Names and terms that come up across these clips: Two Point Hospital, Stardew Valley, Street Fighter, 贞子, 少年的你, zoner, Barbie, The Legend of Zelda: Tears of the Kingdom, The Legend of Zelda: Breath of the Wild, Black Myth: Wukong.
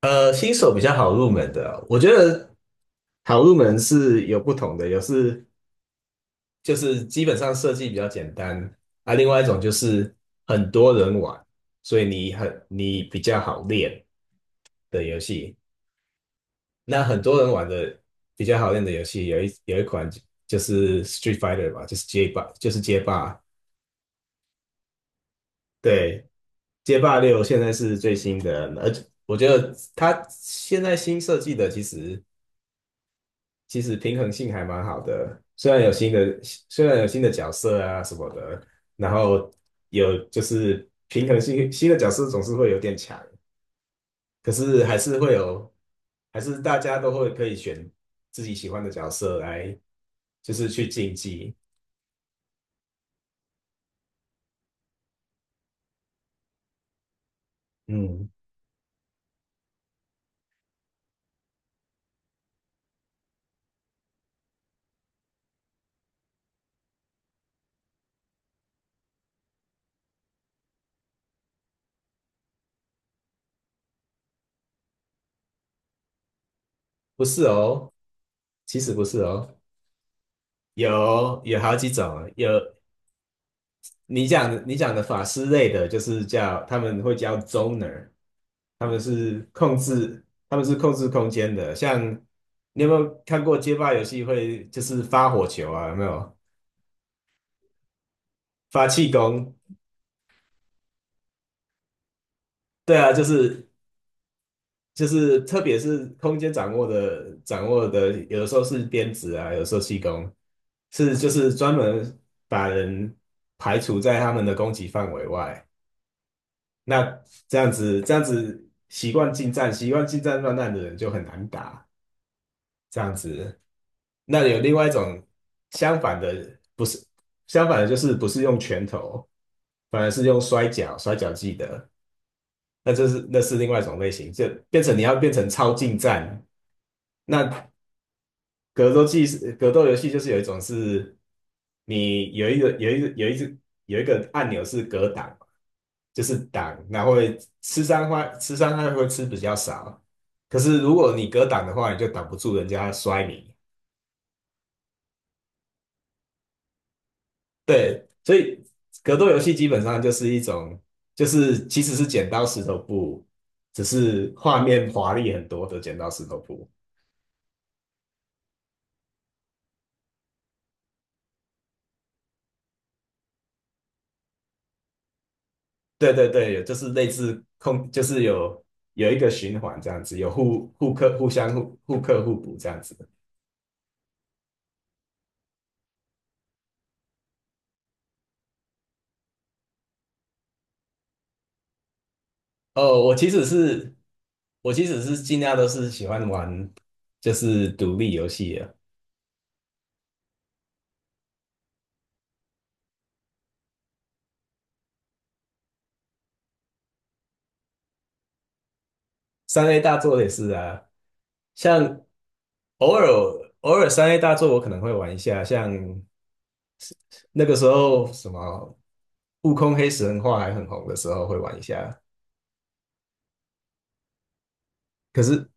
新手比较好入门的，我觉得好入门是有不同的，有就是基本上设计比较简单，啊，另外一种就是很多人玩，所以你比较好练的游戏。那很多人玩的比较好练的游戏，有一款就是 Street Fighter 吧，就是街霸，对，街霸六现在是最新的，而且我觉得它现在新设计的其实平衡性还蛮好的，虽然有新的角色啊什么的，然后有就是平衡性新的角色总是会有点强，可是还是大家都会可以选自己喜欢的角色来，就是去竞技。嗯，不是哦，其实不是哦，有好几种啊，有你讲的法师类的，就是他们会叫 zoner，他们是控制他们是控制空间的。像你有没有看过街霸游戏会就是发火球啊？有没有发气功？对啊，就是特别是空间掌握的，有的时候是鞭子啊，有的时候气功，是就是专门把人排除在他们的攻击范围外。那这样子习惯近战乱战的人就很难打。这样子，那有另外一种相反的，不是相反的，就是不是用拳头，反而是用摔跤技的。那那是另外一种类型，就变成超近战，那格斗游戏，就是有一种是，你有一个按钮是格挡，就是挡，然后会吃伤害会吃比较少。可是如果你格挡的话，你就挡不住人家摔你。对，所以格斗游戏基本上就是一种，就是其实是剪刀石头布，只是画面华丽很多的剪刀石头布。对对对，有就是类似空，就是有一个循环这样子，有互克、互相互克互补这样子。哦，我其实是尽量都是喜欢玩就是独立游戏啊，三 A 大作也是啊，像偶尔偶尔三 A 大作我可能会玩一下，像那个时候什么《悟空黑神话》还很红的时候会玩一下，可是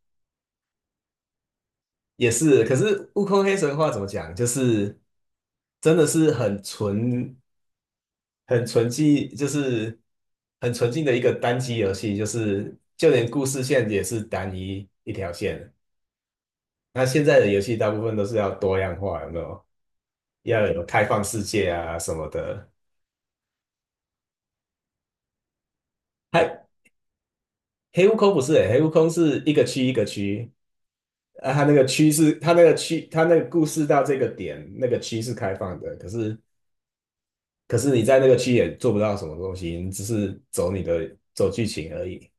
也是，可是悟空黑神话怎么讲？就是真的是很纯、很纯净，就是很纯净的一个单机游戏，就是就连故事线也是单一一条线。那现在的游戏大部分都是要多样化，有没有？要有开放世界啊什么的。黑黑悟空不是、欸，黑悟空是一个区一个区，啊，它那个区是它那个区，它那个故事到这个点，那个区是开放的，可是。可是你在那个区也做不到什么东西，你只是走你的走剧情而已。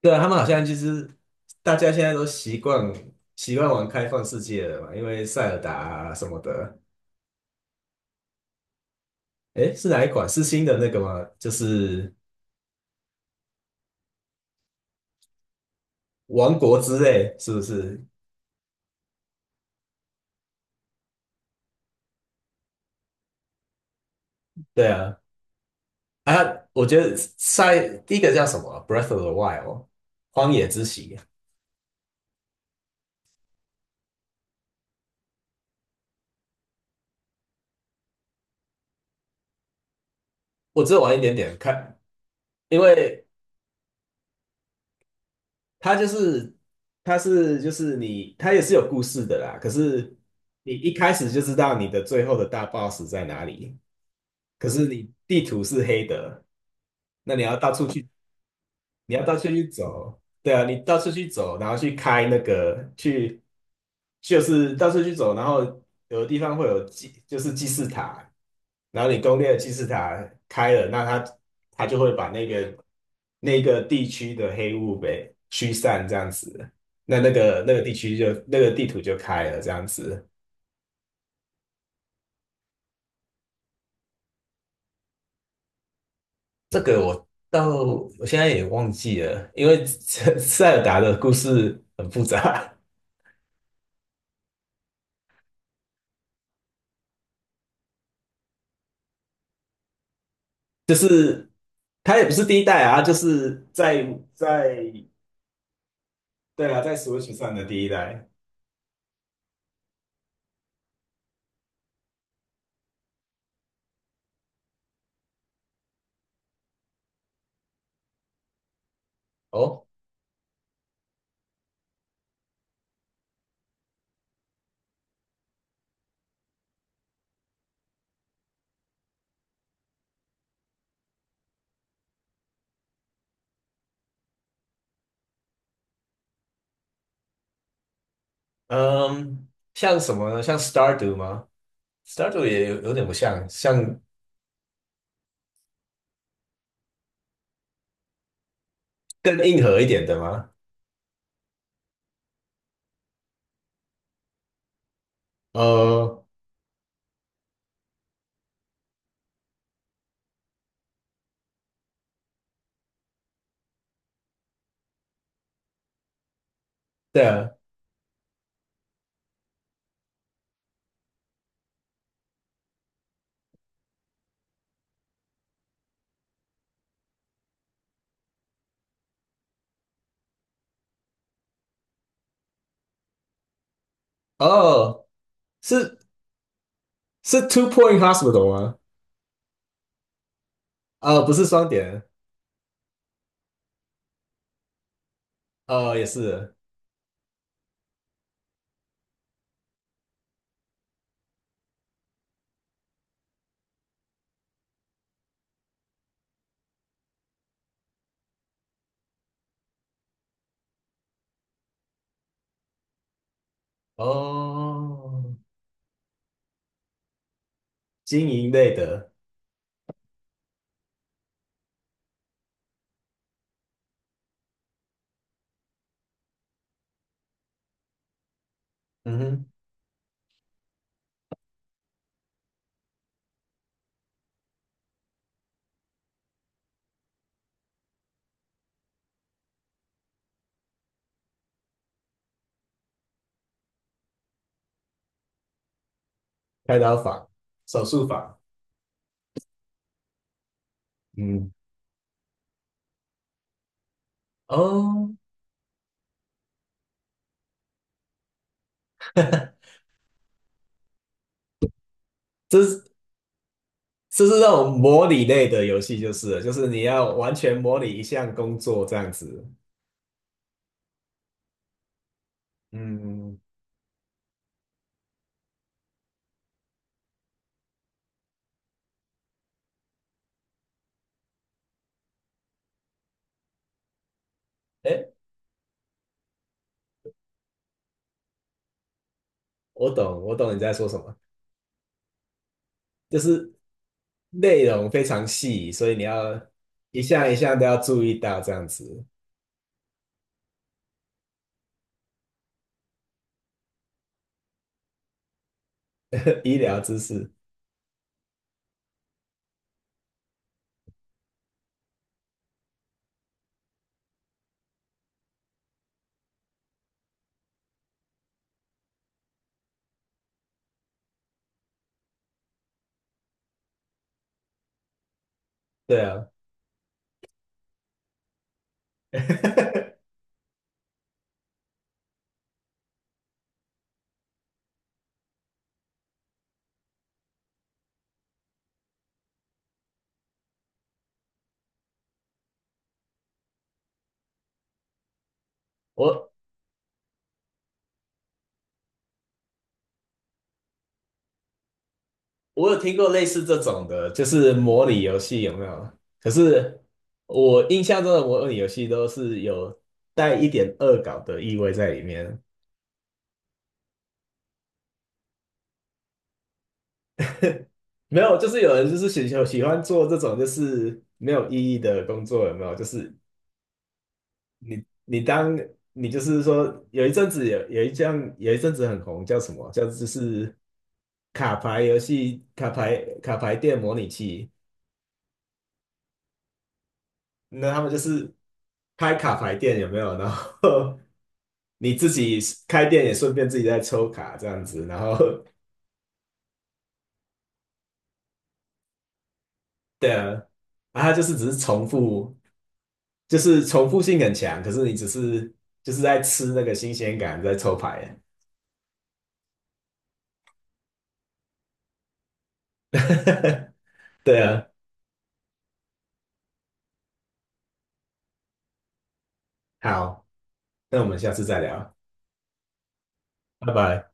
对啊，他们好像就是大家现在都习惯玩开放世界了嘛，因为塞尔达啊什么的。诶，是哪一款？是新的那个吗？就是王国之泪，是不是？对啊，啊，我觉得第一个叫什么 Breath of the Wild》荒野之息，我只有玩一点点看，因为他就是他是就是你，他也是有故事的啦。可是你一开始就知道你的最后的大 boss 在哪里，可是你地图是黑的，那你要到处去走，对啊，你到处去走，然后去开那个去，就是到处去走，然后有的地方会有祭，就是祭祀塔，然后你攻略的祭祀塔开了，那他就会把那个地区的黑雾给驱散，这样子，那那个地区就那个地图就开了，这样子。这个我现在也忘记了，因为 塞尔达的故事很复杂。就是它也不是第一代啊，它就是在对啊，在 Switch 上的第一代。哦，嗯，像什么呢？像 s t a r d o 吗 s t a r d o 也有点不像，像更硬核一点的吗？呃，对啊，哦，是是 Two Point Hospital 吗？不是双点，也是，哦，经营类的，嗯哼，开刀房、手术房，嗯，哦，这是。就是那种模拟类的游戏，就是了就是你要完全模拟一项工作这样子。嗯，哎，我懂，我懂你在说什么，就是内容非常细，所以你要一项一项都要注意到这样子。医疗知识，对啊，我我有听过类似这种的，就是模拟游戏有没有？可是我印象中的模拟游戏都是有带一点恶搞的意味在里面。没有，就是有人就是喜 喜欢做这种就是没有意义的工作，有没有？就是你当你就是说有一阵子很红，叫什么？叫就是卡牌游戏、卡牌店模拟器。那他们就是开卡牌店，有没有？然后 你自己开店也顺便自己在抽卡这样子，然后 对啊，然它就是只是重复。就是重复性很强，可是你只是就是在吃那个新鲜感，在抽牌。对啊，好，那我们下次再聊，拜拜。